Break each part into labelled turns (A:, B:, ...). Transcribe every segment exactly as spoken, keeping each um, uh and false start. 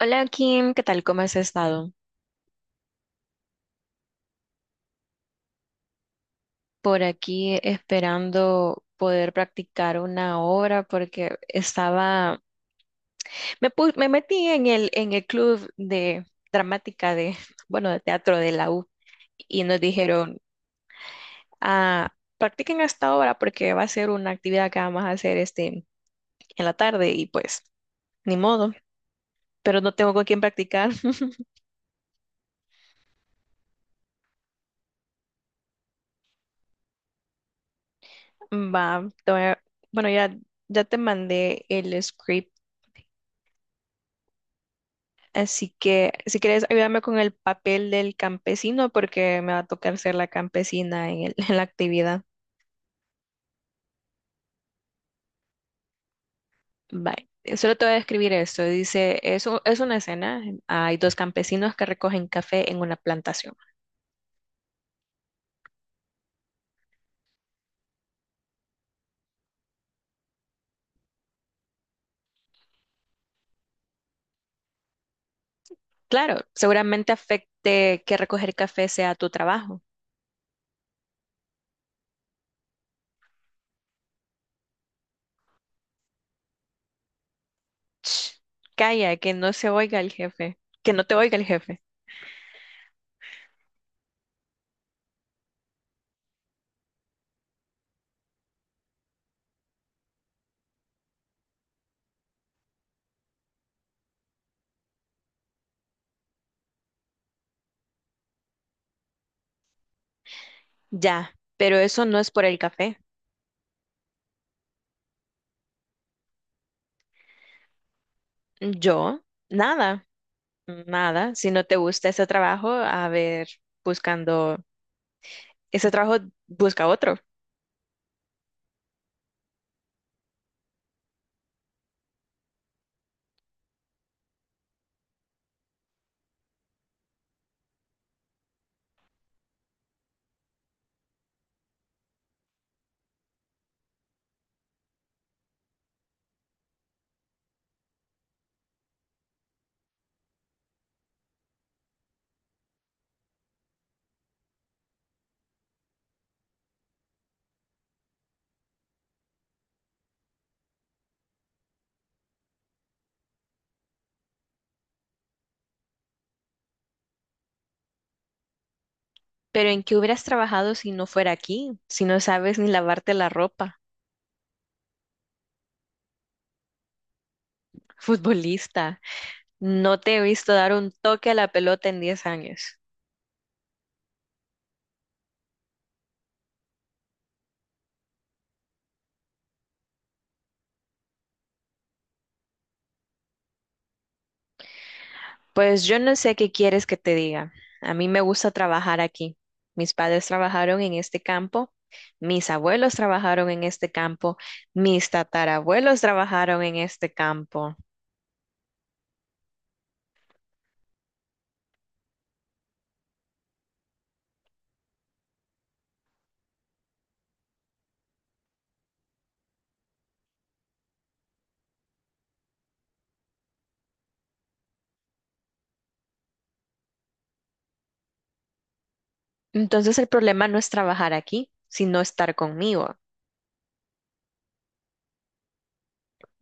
A: Hola Kim, ¿qué tal? ¿Cómo has estado? Por aquí esperando poder practicar una obra porque estaba, me, pu- me metí en el, en el club de dramática de, bueno, de teatro de la U y nos dijeron, ah, practiquen esta obra porque va a ser una actividad que vamos a hacer este, en la tarde y pues, ni modo, pero no tengo con quién practicar. Va, te voy a- bueno, ya, Ya te mandé el script. Así que si quieres ayudarme con el papel del campesino, porque me va a tocar ser la campesina en, el- en la actividad. Bye. Eh, Solo te voy a describir esto. Dice, es, u- es una escena. Hay dos campesinos que recogen café en una plantación. Claro, seguramente afecte que recoger café sea tu trabajo. Ch, calla, que no se oiga el jefe. Que no te oiga el jefe. Ya, pero eso no es por el café. Yo, nada. Nada, si no te gusta ese trabajo, a ver, buscando ese trabajo, busca otro. Pero ¿en qué hubieras trabajado si no fuera aquí? Si no sabes ni lavarte la ropa, futbolista. No te he visto dar un toque a la pelota en diez años. Pues yo no sé qué quieres que te diga. A mí me gusta trabajar aquí. Mis padres trabajaron en este campo, mis abuelos trabajaron en este campo, mis tatarabuelos trabajaron en este campo. Entonces el problema no es trabajar aquí, sino estar conmigo.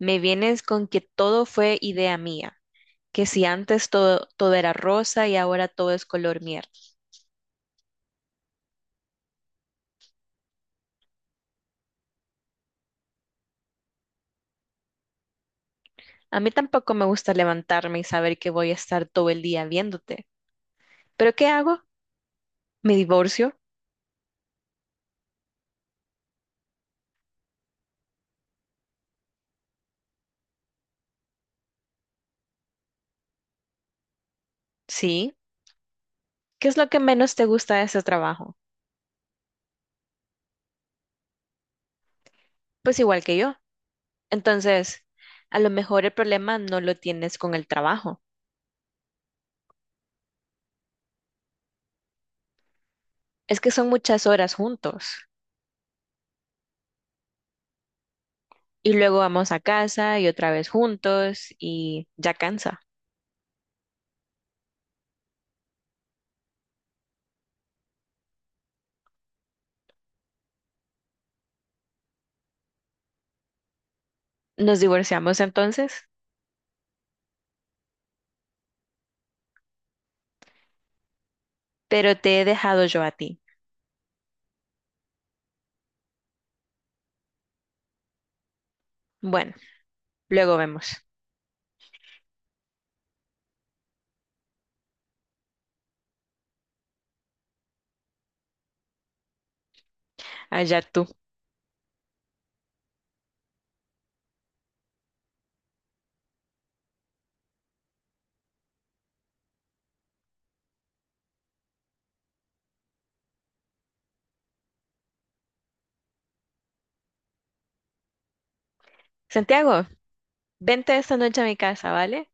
A: Me vienes con que todo fue idea mía, que si antes todo, todo era rosa y ahora todo es color miel. A mí tampoco me gusta levantarme y saber que voy a estar todo el día viéndote. ¿Pero qué hago? ¿Me divorcio? Sí. ¿Qué es lo que menos te gusta de ese trabajo? Pues igual que yo. Entonces, a lo mejor el problema no lo tienes con el trabajo. Es que son muchas horas juntos. Y luego vamos a casa y otra vez juntos y ya cansa. Nos divorciamos entonces, pero te he dejado yo a ti. Bueno, luego vemos. Allá tú. Santiago, vente esta noche a mi casa, ¿vale?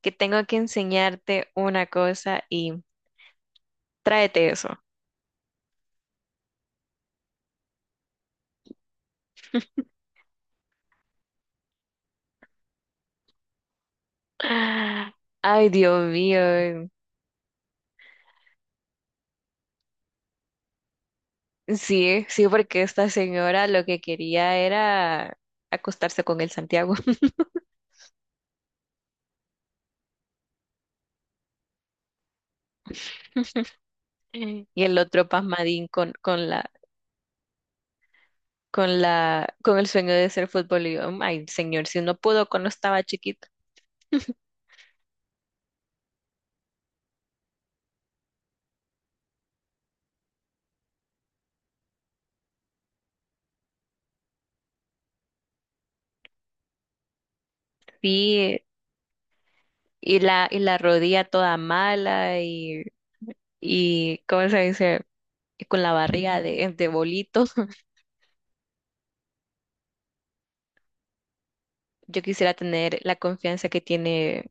A: Que tengo que enseñarte una cosa y tráete eso. Ay, Dios mío. Sí, sí, porque esta señora lo que quería era acostarse con el Santiago y el otro pasmadín con, con la, con la, con el sueño de ser futbolista. Ay, señor, si no pudo cuando estaba chiquito. Sí, y la, y la rodilla toda mala y, y ¿cómo se dice? Y con la barriga de, de bolitos. Yo quisiera tener la confianza que tiene,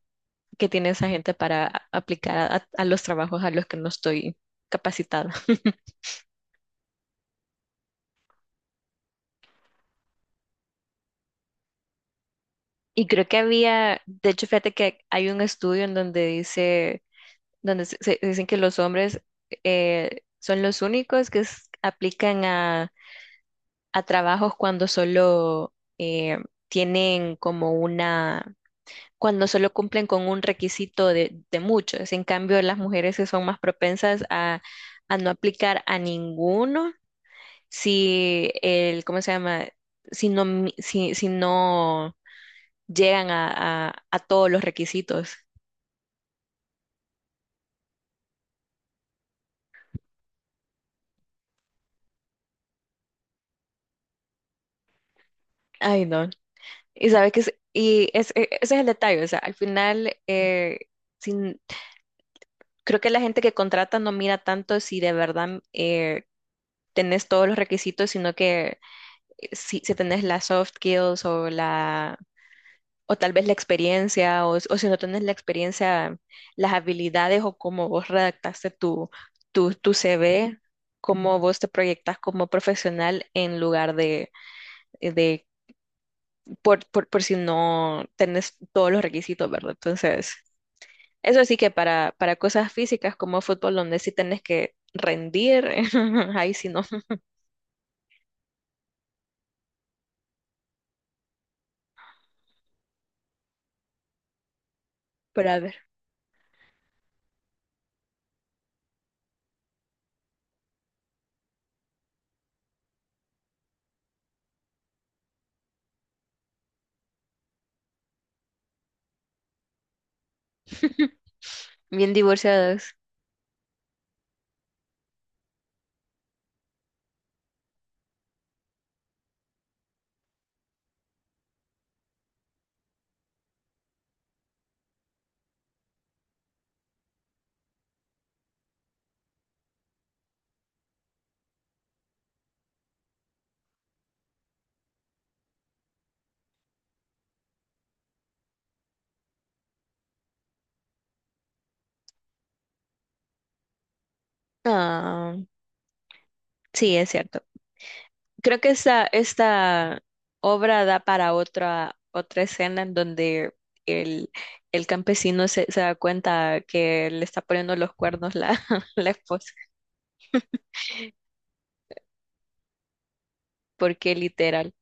A: que tiene esa gente para a- aplicar a, a los trabajos a los que no estoy capacitada. Y creo que había, de hecho, fíjate que hay un estudio en donde dice donde se, se- dicen que los hombres eh, son los únicos que s- aplican a, a trabajos cuando solo eh, tienen como una, cuando solo cumplen con un requisito de, de muchos. En cambio, las mujeres que son más propensas a, a no aplicar a ninguno, si el, ¿cómo se llama? Si no, mi- si, si no llegan a, a a todos los requisitos. Ay, no. Y sabe que es, y es- e- Ese es el detalle, o sea, al final eh, sin- creo que la gente que contrata no mira tanto si de verdad eh, tenés todos los requisitos, sino que eh, si, si tenés las soft skills o la o tal vez la experiencia o, o si no tenés la experiencia, las habilidades o cómo vos redactaste tu tu, tu C V, cómo vos te proyectas como profesional en lugar de de por, por, por si no tenés todos los requisitos, ¿verdad? Entonces, eso sí que para, para cosas físicas como fútbol, donde sí tenés que rendir, ahí sí no. Pero a ver, bien divorciados. Ah, sí, es cierto. Creo que esta, esta obra da para otra, otra escena en donde el, el campesino se, se da cuenta que le está poniendo los cuernos la, la esposa. Porque literal,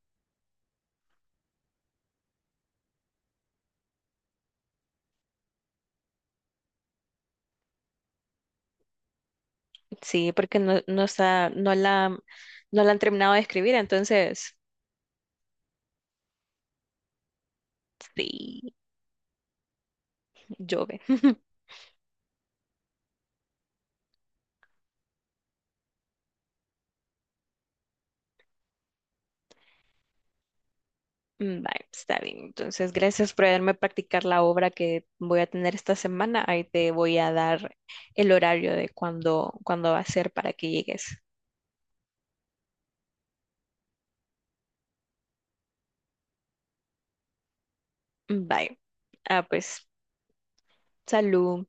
A: sí, porque no, no está, no la, no la han terminado de escribir, entonces, sí. Jove. Vale, está bien. Entonces, gracias por haberme practicar la obra que voy a tener esta semana. Ahí te voy a dar el horario de cuándo, cuándo va a ser para que llegues. Bye. Ah, pues, salud.